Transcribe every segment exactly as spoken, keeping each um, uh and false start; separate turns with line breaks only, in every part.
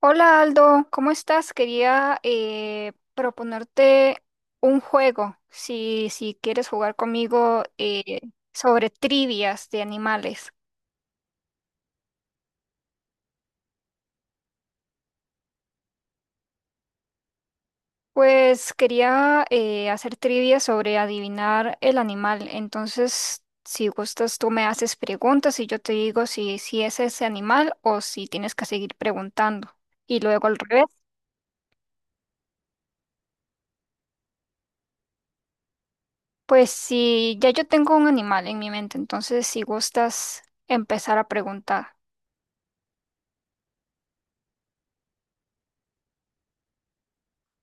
Hola Aldo, ¿cómo estás? Quería eh, proponerte un juego, si, si quieres jugar conmigo eh, sobre trivias de animales. Pues quería eh, hacer trivias sobre adivinar el animal. Entonces, si gustas, tú me haces preguntas y yo te digo si, si es ese animal o si tienes que seguir preguntando. Y luego al revés. Pues si ya yo tengo un animal en mi mente, entonces si gustas empezar a preguntar.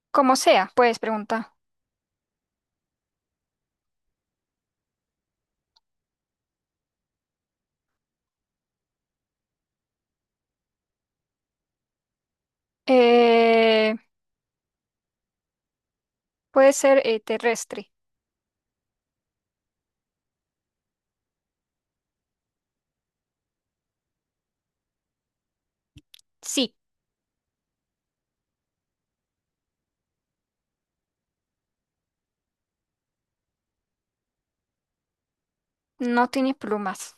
Como sea, puedes preguntar. Eh, Puede ser eh, terrestre. Sí, no tiene plumas.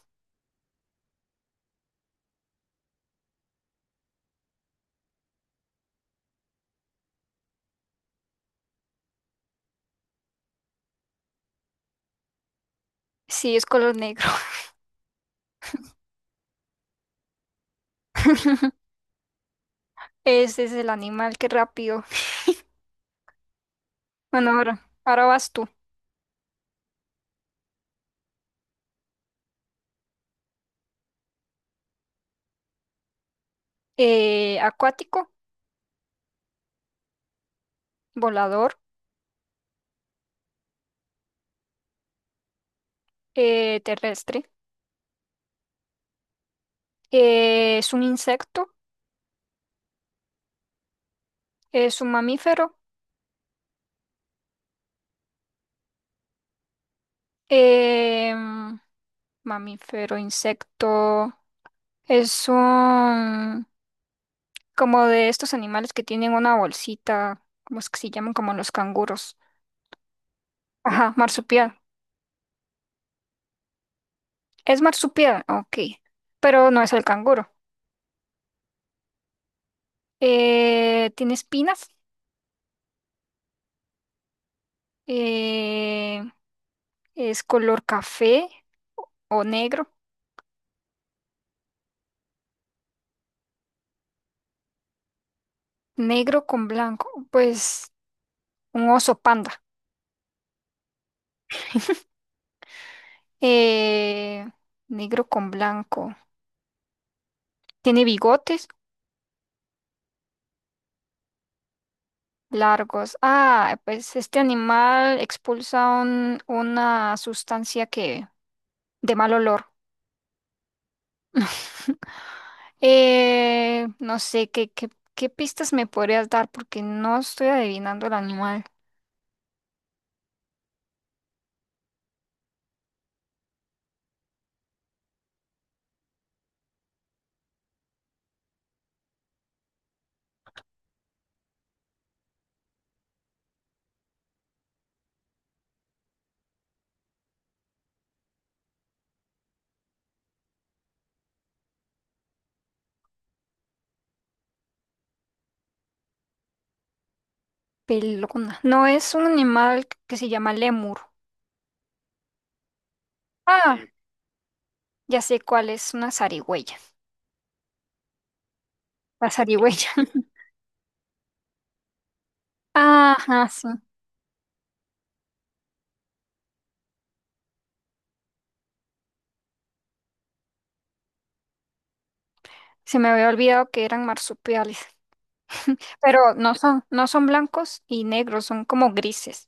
Sí, es color negro. Ese es el animal, qué rápido. Bueno, ahora, ahora vas tú. Eh, acuático, volador, eh, terrestre. Eh, es un insecto, es un mamífero. em, Mamífero, insecto. Es un... como de estos animales que tienen una bolsita, ¿cómo es que se llaman? Como los canguros. Ajá, marsupial. Es marsupial, ok. Pero no es el canguro. Eh, tiene espinas. eh, es color café o negro. Negro con blanco. Pues un oso panda. Eh, negro con blanco. Tiene bigotes largos. Ah, pues este animal expulsa un- una sustancia que de mal olor. Eh, no sé, ¿qué, qué, qué pistas me podrías dar? Porque no estoy adivinando el animal. Pelona. No es un animal que se llama lémur. Ah, sí, ya sé cuál es, una zarigüeya. La zarigüeya. Ajá, sí. Se me había olvidado que eran marsupiales. Pero no son, no son blancos y negros, son como grises.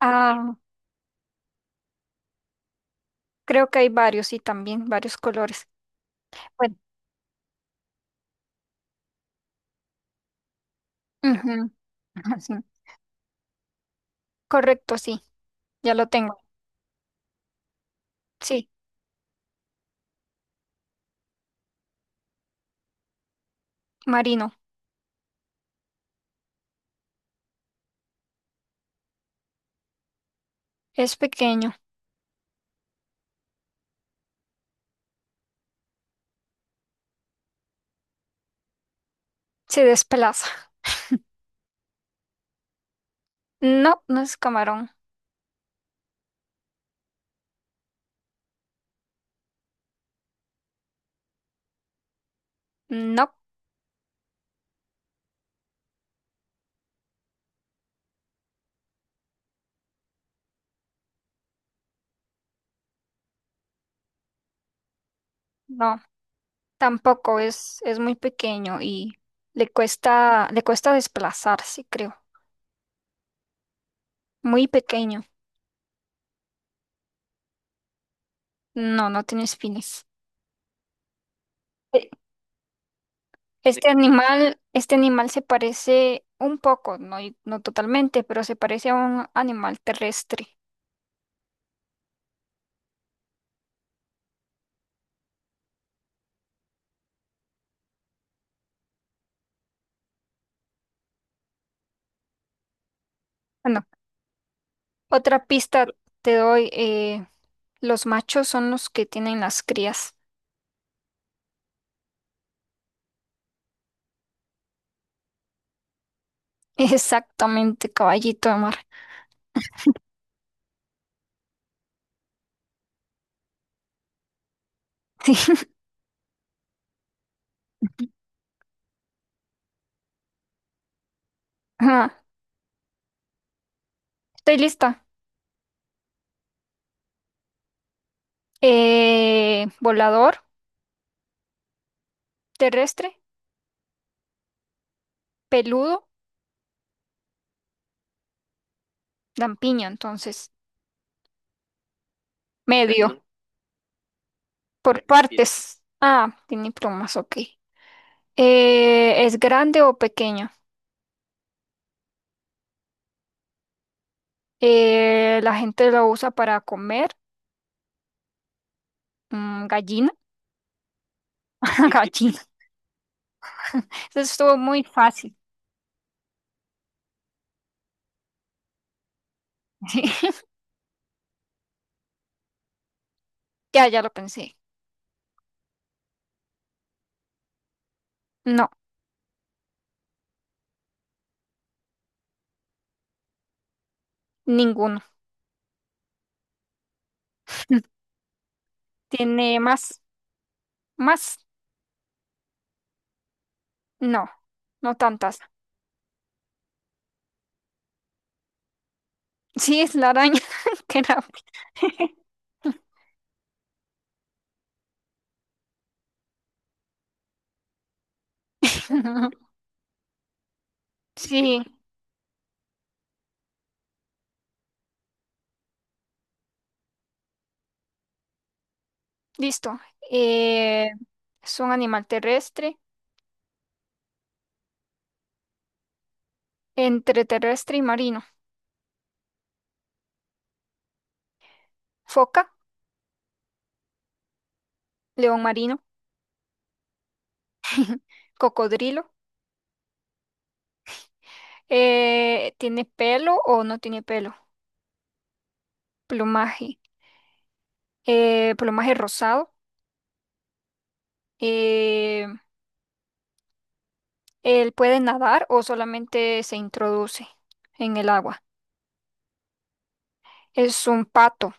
Ah, creo que hay varios y también varios colores. Bueno, ujú, ajá, sí. Correcto, sí, ya lo tengo. Sí. Marino. Es pequeño. Se desplaza. No, no es camarón. No, no. Tampoco es, es muy pequeño y le cuesta, le cuesta desplazarse, creo. Muy pequeño. No, no tiene espinas. E- sí. Este animal, este animal se parece un poco, no, y- no totalmente, pero se parece a un animal terrestre. Bueno, otra pista te doy. Eh, los machos son los que tienen las crías. Exactamente, caballito de mar. Ajá, estoy lista. Eh, volador, terrestre, peludo, lampiño, entonces, medio, peludo, por partes. Ah, tiene plumas, ok. Eh, ¿es grande o pequeño? Eh, la gente lo usa para comer. Mm, gallina, gallina. Eso estuvo muy fácil. Ya, ya lo pensé. No, ninguno. ¿Tiene más? ¿Más? No, no tantas. Sí, es la araña. Qué rápido. Sí. Listo. Eh, es un animal terrestre, entre terrestre y marino. Foca, león marino, cocodrilo. Eh, ¿tiene pelo o no tiene pelo? Plumaje. Eh, plumaje rosado. Eh, ¿él puede nadar o solamente se introduce en el agua? Es un pato.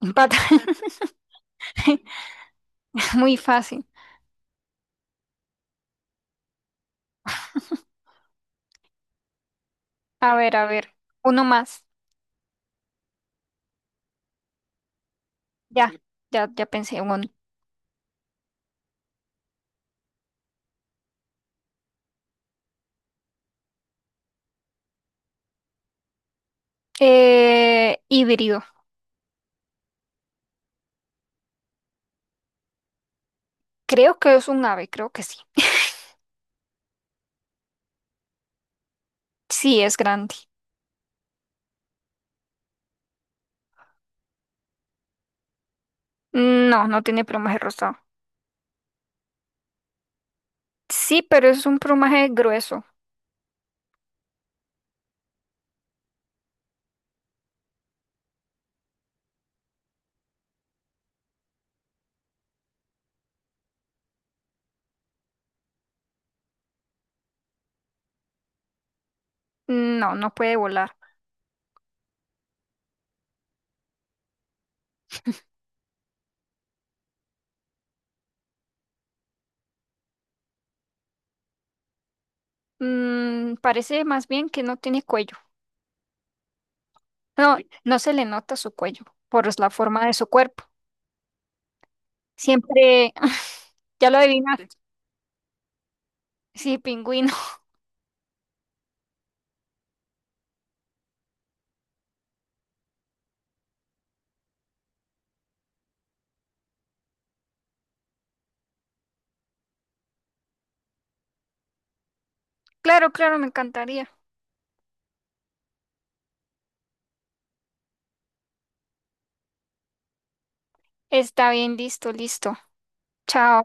Un pato. Muy fácil. A ver, a ver. Uno más. Ya, ya, ya pensé en uno. Eh, híbrido. Creo que es un ave, creo que sí. Sí, es grande. No, no tiene plumaje rosado. Sí, pero es un plumaje grueso. No, no puede volar. Mm, parece más bien que no tiene cuello. No, no se le nota su cuello por la forma de su cuerpo. Siempre, ya lo adivinaste. Sí, pingüino. Claro, claro, me encantaría. Está bien, listo, listo. Chao.